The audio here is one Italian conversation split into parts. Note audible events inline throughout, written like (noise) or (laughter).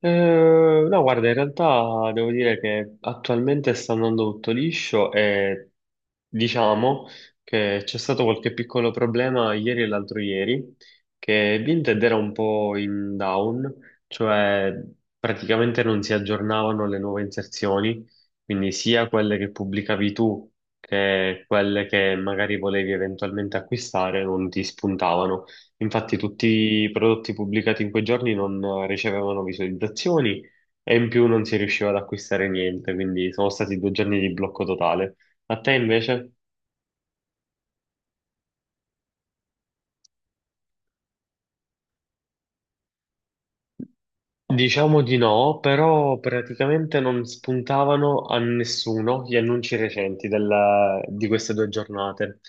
No, guarda, in realtà devo dire che attualmente sta andando tutto liscio e diciamo che c'è stato qualche piccolo problema ieri e l'altro ieri, che Vinted era un po' in down, cioè praticamente non si aggiornavano le nuove inserzioni, quindi sia quelle che pubblicavi tu che quelle che magari volevi eventualmente acquistare non ti spuntavano. Infatti tutti i prodotti pubblicati in quei giorni non ricevevano visualizzazioni e in più non si riusciva ad acquistare niente, quindi sono stati 2 giorni di blocco totale. A te invece? Diciamo di no, però praticamente non spuntavano a nessuno gli annunci recenti di queste 2 giornate.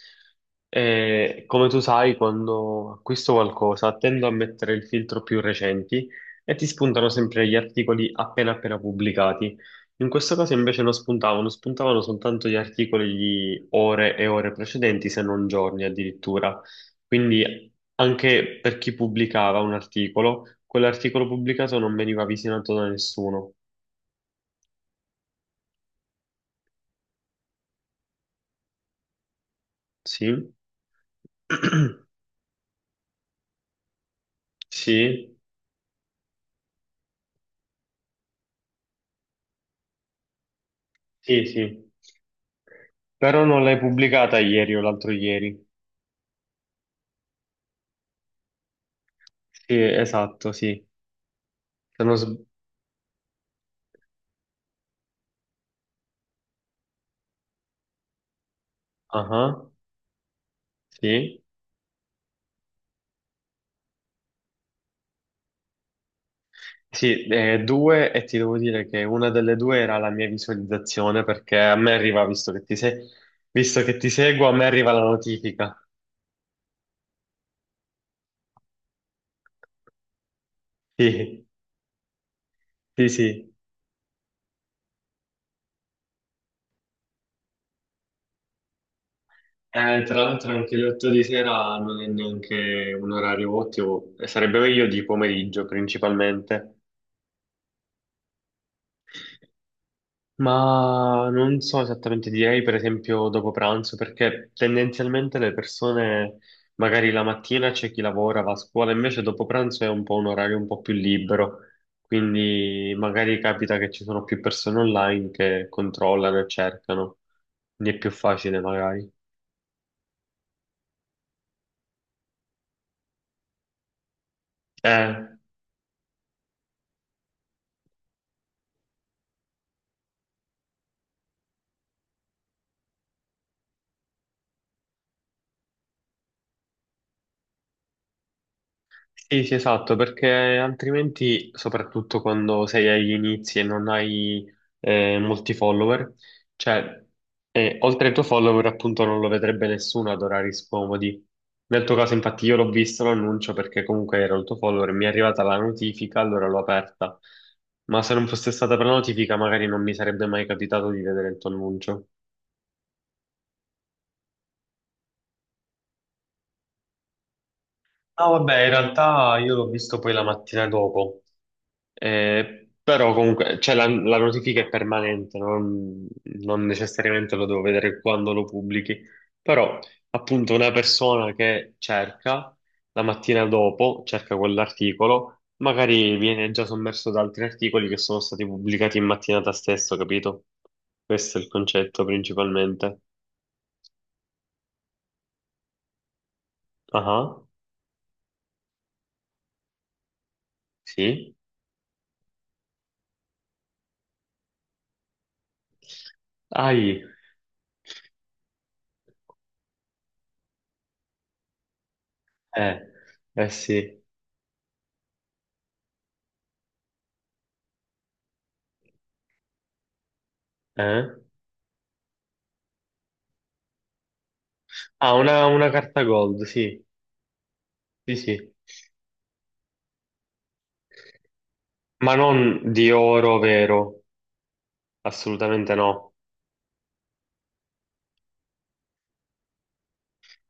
E, come tu sai, quando acquisto qualcosa tendo a mettere il filtro più recenti e ti spuntano sempre gli articoli appena appena pubblicati. In questo caso invece non spuntavano, spuntavano soltanto gli articoli di ore e ore precedenti, se non giorni addirittura. Quindi anche per chi pubblicava un articolo, quell'articolo pubblicato non veniva visionato da nessuno. Sì? (clears throat) Sì? Sì, sì. Però non l'hai pubblicata ieri o l'altro ieri. Sì, esatto, sì. Se non sb- Ah, sì. Sì, due e ti devo dire che una delle due era la mia visualizzazione perché a me arriva, visto che ti se- visto che ti seguo, a me arriva la notifica. Sì, sì, sì. Tra l'altro anche le 8 di sera non è neanche un orario ottimo, e sarebbe meglio di pomeriggio principalmente, ma non so esattamente, direi per esempio dopo pranzo, perché tendenzialmente le persone magari la mattina c'è chi lavora, va a scuola, invece dopo pranzo è un po' un orario un po' più libero, quindi magari capita che ci sono più persone online che controllano e cercano, quindi è più facile magari. Eh. Sì, sì, esatto, perché altrimenti, soprattutto quando sei agli inizi e non hai molti follower, cioè, oltre ai tuoi follower, appunto, non lo vedrebbe nessuno ad orari scomodi. Nel tuo caso, infatti, io l'ho visto l'annuncio perché comunque era il tuo follower, mi è arrivata la notifica, allora l'ho aperta. Ma se non fosse stata per la notifica, magari non mi sarebbe mai capitato di vedere il tuo annuncio. No, vabbè, in realtà io l'ho visto poi la mattina dopo. Però comunque cioè, la notifica è permanente, non, non necessariamente lo devo vedere quando lo pubblichi, però appunto una persona che cerca la mattina dopo, cerca quell'articolo, magari viene già sommerso da altri articoli che sono stati pubblicati in mattinata stesso, capito? Questo è il concetto principalmente. Ah, sì. Ai, eh, eh sì, eh. Ah, una carta gold, sì, sì, sì. Ma non di oro vero, assolutamente no.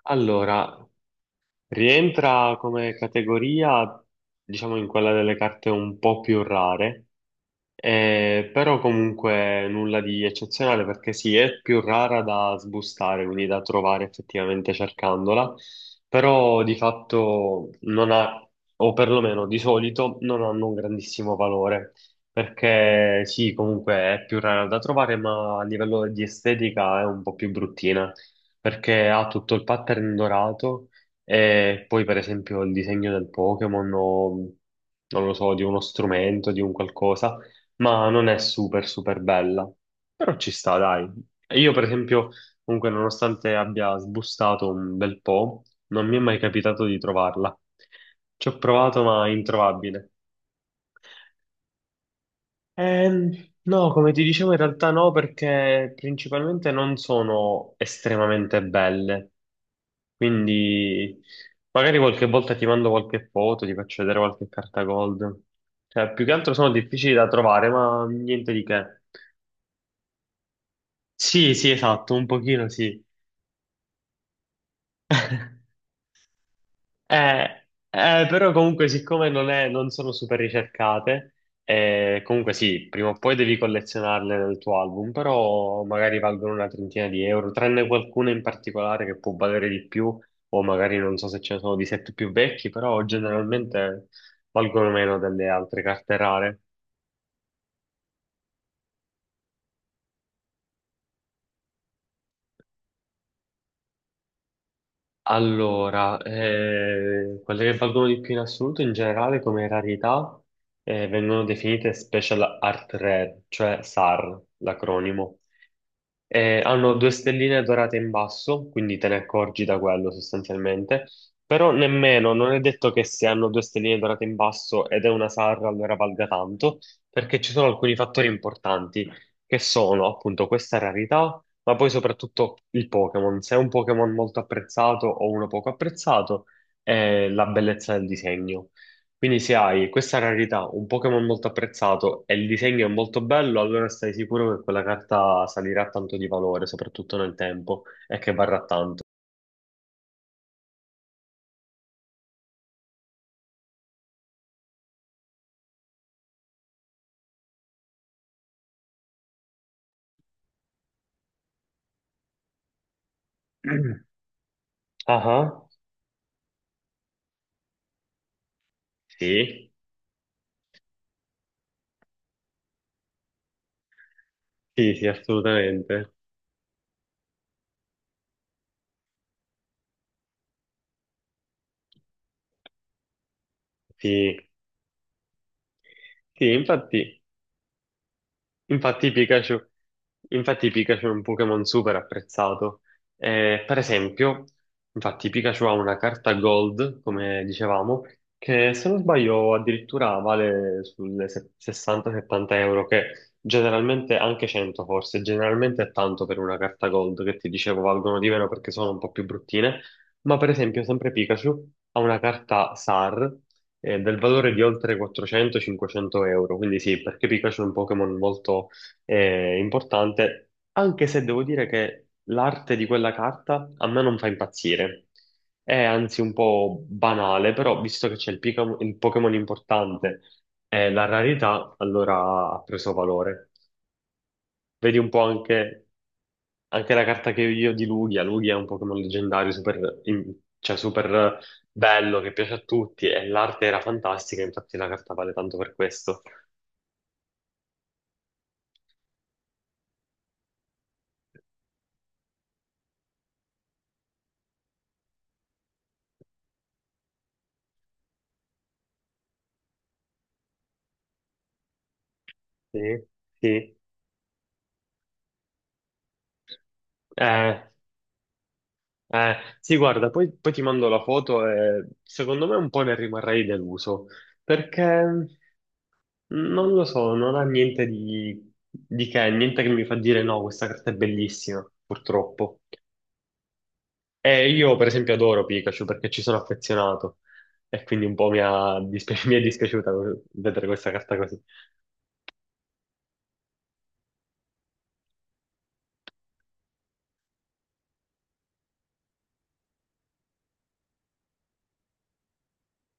Allora, rientra come categoria, diciamo, in quella delle carte un po' più rare, però comunque nulla di eccezionale perché sì, è più rara da sbustare, quindi da trovare effettivamente cercandola, però di fatto non ha, o perlomeno di solito, non hanno un grandissimo valore, perché sì, comunque è più rara da trovare, ma a livello di estetica è un po' più bruttina, perché ha tutto il pattern dorato e poi, per esempio, il disegno del Pokémon o non lo so, di uno strumento, di un qualcosa, ma non è super, super bella. Però ci sta, dai. E io, per esempio, comunque, nonostante abbia sbustato un bel po', non mi è mai capitato di trovarla. Ci ho provato, ma è introvabile. Ehm, no, come ti dicevo, in realtà no, perché principalmente non sono estremamente belle. Quindi magari qualche volta ti mando qualche foto, ti faccio vedere qualche carta gold. Cioè, più che altro sono difficili da trovare, ma niente di che. Sì, sì, esatto, un pochino sì. Eh, però comunque siccome non sono super ricercate, comunque sì, prima o poi devi collezionarle nel tuo album, però magari valgono una trentina di euro, tranne qualcuna in particolare che può valere di più, o magari non so se ce ne sono di set più vecchi, però generalmente valgono meno delle altre carte rare. Allora, quelle che valgono di più in assoluto in generale come rarità vengono definite Special Art Rare, cioè SAR, l'acronimo. Hanno due stelline dorate in basso, quindi te ne accorgi da quello sostanzialmente, però nemmeno, non è detto che se hanno due stelline dorate in basso ed è una SAR allora valga tanto, perché ci sono alcuni fattori importanti che sono appunto questa rarità ma poi soprattutto il Pokémon. Se è un Pokémon molto apprezzato o uno poco apprezzato, è la bellezza del disegno. Quindi se hai questa rarità, un Pokémon molto apprezzato e il disegno è molto bello, allora stai sicuro che quella carta salirà tanto di valore, soprattutto nel tempo, e che varrà tanto. (clears throat) Ah, ah. Sì, sì, sì, assolutamente. Sì, sì, infatti. Infatti Pikachu, infatti Pikachu è un Pokémon super apprezzato. Per esempio, infatti Pikachu ha una carta Gold, come dicevamo, che se non sbaglio addirittura vale sulle 60-70 euro, che generalmente anche 100 forse, generalmente è tanto per una carta Gold, che ti dicevo valgono di meno perché sono un po' più bruttine, ma per esempio sempre Pikachu ha una carta SAR del valore di oltre 400-500 euro. Quindi sì, perché Pikachu è un Pokémon molto importante, anche se devo dire che l'arte di quella carta a me non fa impazzire. È anzi un po' banale, però visto che c'è il, il Pokémon importante e la rarità, allora ha preso valore. Vedi un po' anche la carta che io ho di Lugia. Lugia è un Pokémon leggendario, super, in- cioè super bello, che piace a tutti e l'arte era fantastica, infatti la carta vale tanto per questo. Sì, sì. Eh, sì, guarda, poi, poi ti mando la foto e secondo me un po' ne rimarrei deluso, perché non lo so, non ha niente di che, niente che mi fa dire no, questa carta è bellissima, purtroppo. Io per esempio adoro Pikachu perché ci sono affezionato e quindi un po' (laughs) mi è dispiaciuta vedere questa carta così.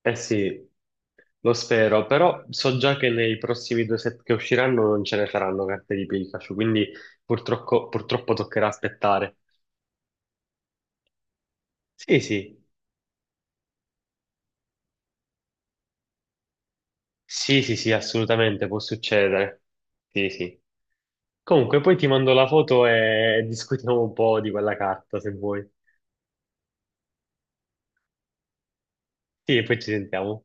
Eh sì, lo spero, però so già che nei prossimi due set che usciranno non ce ne saranno carte di Pikachu, quindi purtroppo, purtroppo toccherà aspettare. Sì, sì, sì, sì, sì, assolutamente può succedere. Sì, sì. Comunque poi ti mando la foto e discutiamo un po' di quella carta se vuoi. Sì, e poi ci sentiamo.